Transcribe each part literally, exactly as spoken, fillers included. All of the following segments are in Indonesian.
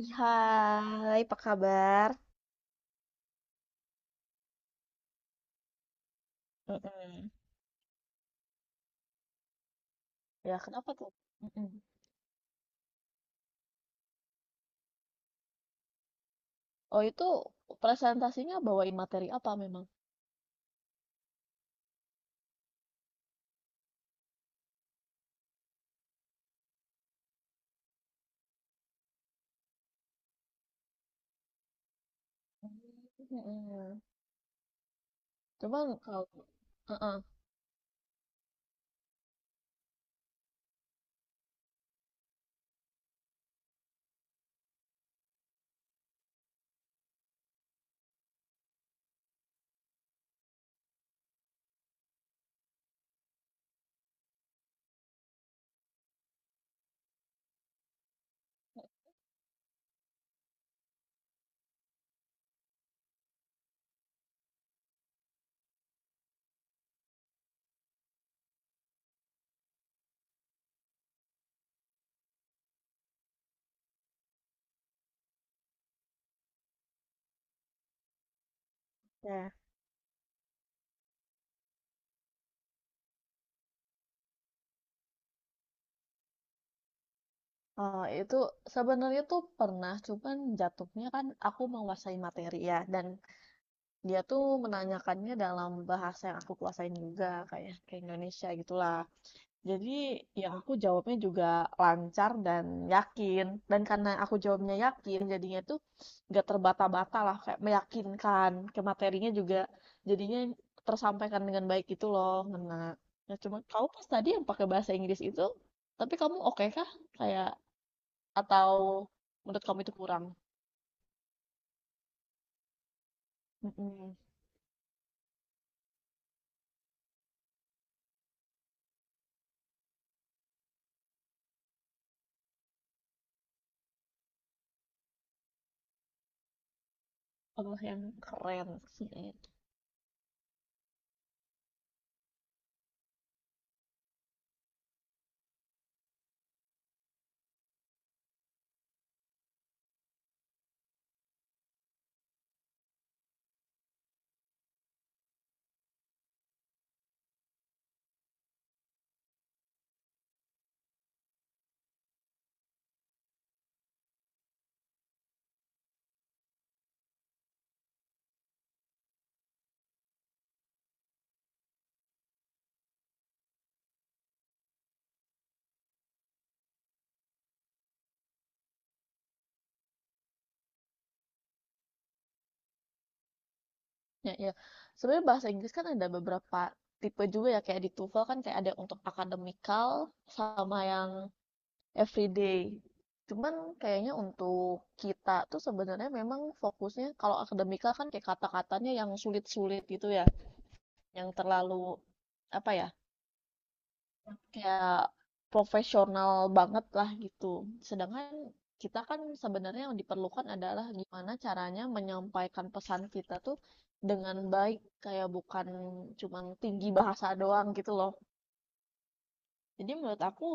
Ih, hai, apa kabar? Mm-mm. Ya, kenapa tuh? Mm-mm. Oh, itu presentasinya bawain materi apa memang? Mm-mm. Cuman kalau uh ya. Oh, itu sebenarnya tuh pernah, cuman jatuhnya kan aku menguasai materi ya, dan dia tuh menanyakannya dalam bahasa yang aku kuasain juga, kayak ke Indonesia gitulah. Jadi ya aku jawabnya juga lancar dan yakin. Dan karena aku jawabnya yakin, jadinya tuh nggak terbata-bata lah, kayak meyakinkan. Ke materinya juga jadinya tersampaikan dengan baik gitu loh, ngena. Ya cuma kamu pas tadi yang pakai bahasa Inggris itu, tapi kamu oke kah? Kayak, atau menurut kamu itu kurang? Mm-mm. Allah yang keren sih. Ya, ya. Sebenarnya bahasa Inggris kan ada beberapa tipe juga ya, kayak di TOEFL kan kayak ada yang untuk akademikal sama yang everyday. Cuman kayaknya untuk kita tuh sebenarnya memang fokusnya kalau akademikal kan kayak kata-katanya yang sulit-sulit gitu ya, yang terlalu apa ya? Kayak profesional banget lah gitu. Sedangkan kita kan sebenarnya yang diperlukan adalah gimana caranya menyampaikan pesan kita tuh dengan baik, kayak bukan cuma tinggi bahasa doang gitu loh. Jadi menurut aku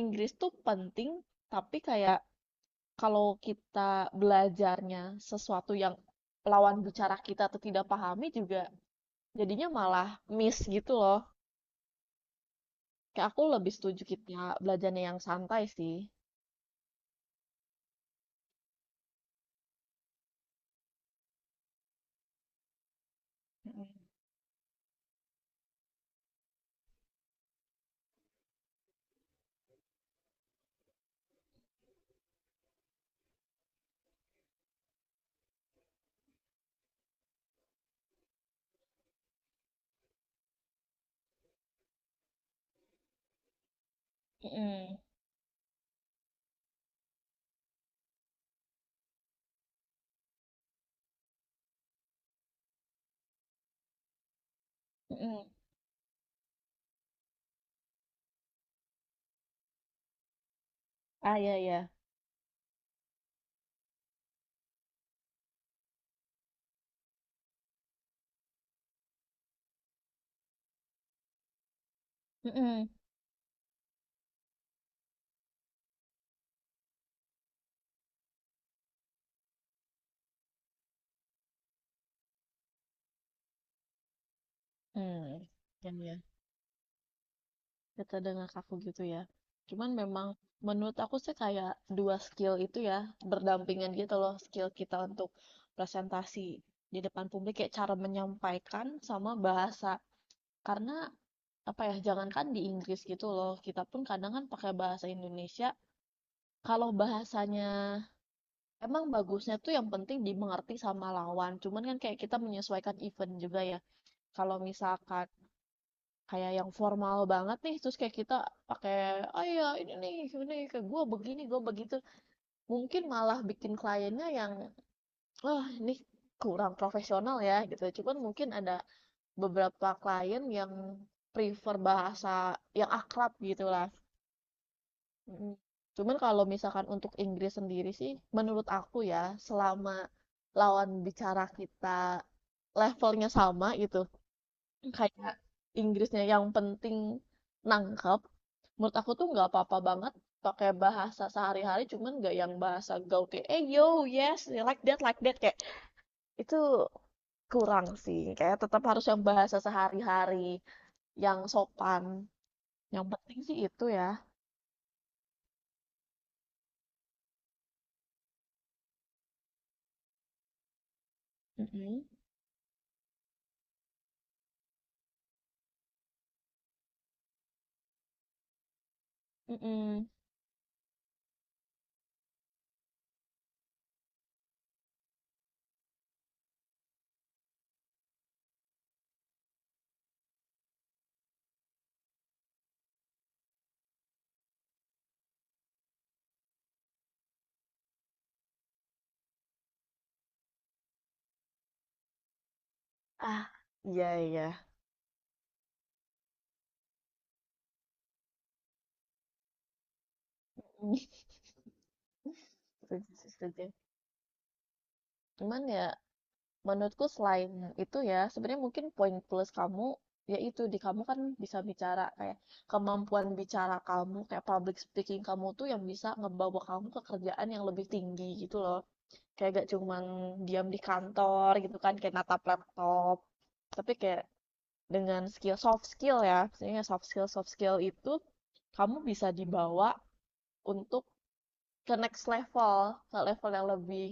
Inggris tuh penting, tapi kayak kalau kita belajarnya sesuatu yang lawan bicara kita tuh tidak pahami juga jadinya malah miss gitu loh. Kayak aku lebih setuju kita belajarnya yang santai sih. Mhm, mhm. Ah, iya iya. Hmm. Mmm, ya kita metode ngakaku gitu ya. Cuman memang menurut aku sih kayak dua skill itu ya, berdampingan gitu loh, skill kita untuk presentasi di depan publik kayak cara menyampaikan sama bahasa. Karena apa ya, jangankan di Inggris gitu loh, kita pun kadang kan pakai bahasa Indonesia, kalau bahasanya emang bagusnya tuh yang penting dimengerti sama lawan, cuman kan kayak kita menyesuaikan event juga ya. Kalau misalkan kayak yang formal banget nih terus kayak kita pakai oh ya ini nih ini ke gue begini gue begitu, mungkin malah bikin kliennya yang wah ini kurang profesional ya gitu. Cuman mungkin ada beberapa klien yang prefer bahasa yang akrab gitu lah. Mm. Cuman kalau misalkan untuk Inggris sendiri sih menurut aku ya selama lawan bicara kita levelnya sama gitu, kayak Inggrisnya yang penting nangkep, menurut aku tuh nggak apa-apa banget pakai bahasa sehari-hari. Cuman nggak yang bahasa gaul kayak eh yo yes like that like that, kayak itu kurang sih. Kayak tetap harus yang bahasa sehari-hari yang sopan, yang penting sih itu ya. Mm-mm. Mm-mm. Ah, iya iya. Setuju, setuju, cuman ya menurutku selain itu ya, sebenarnya mungkin poin plus kamu, yaitu di kamu kan bisa bicara, kayak kemampuan bicara kamu, kayak public speaking kamu tuh yang bisa ngebawa kamu ke kerjaan yang lebih tinggi gitu loh. Kayak gak cuman diam di kantor gitu kan, kayak natap laptop. Tapi kayak dengan skill soft skill ya, maksudnya soft skill, soft skill itu kamu bisa dibawa untuk ke next level, ke level yang lebih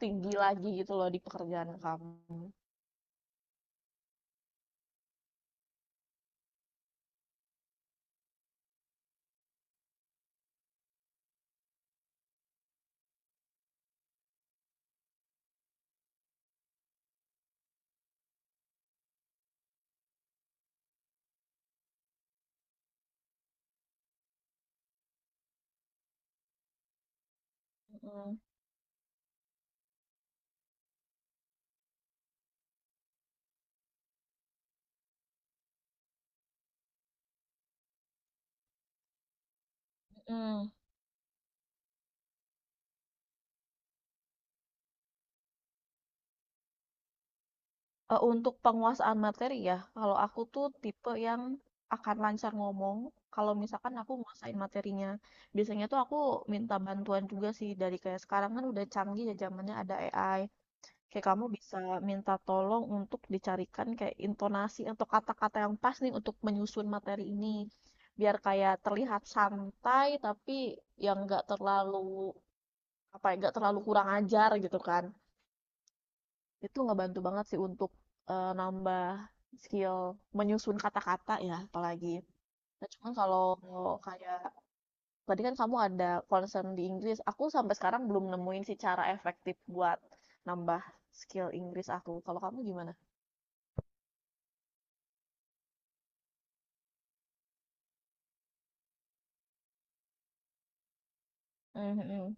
tinggi lagi gitu loh di pekerjaan kamu. Mm. Mmm, eee, untuk penguasaan materi ya, kalau aku tuh tipe yang akan lancar ngomong kalau misalkan aku nguasain materinya. Biasanya tuh aku minta bantuan juga sih dari kayak sekarang kan udah canggih ya zamannya ada A I, kayak kamu bisa minta tolong untuk dicarikan kayak intonasi atau kata-kata yang pas nih untuk menyusun materi ini, biar kayak terlihat santai tapi yang nggak terlalu, apa ya, nggak terlalu kurang ajar gitu kan. Itu ngebantu banget sih untuk, eee, nambah skill menyusun kata-kata ya apalagi. Nah cuman kalau kayak tadi kan kamu ada concern di Inggris, aku sampai sekarang belum nemuin sih cara efektif buat nambah skill Inggris aku. Kalau kamu gimana? Mmm, mhm.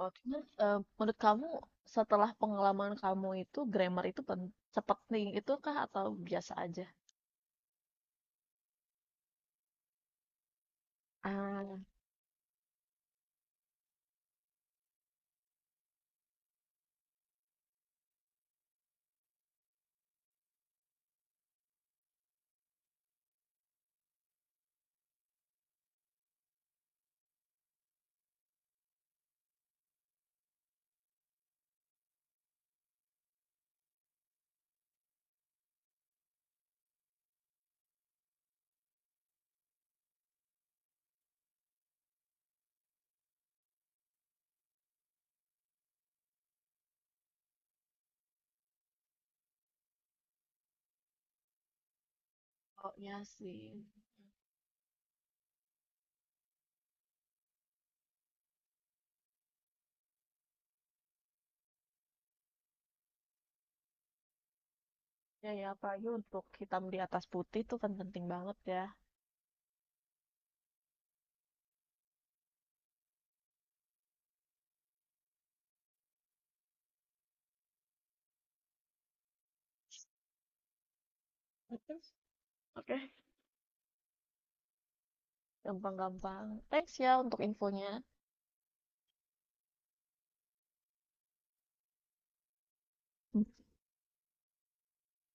Oh cuman, eee, menurut kamu setelah pengalaman kamu itu grammar itu pen sepenting itu kah atau biasa aja? Ah, oh iya sih. Iya ya apalagi untuk hitam di atas putih itu kan penting banget ya. Oke, gampang-gampang. Thanks ya untuk infonya.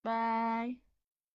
Bye.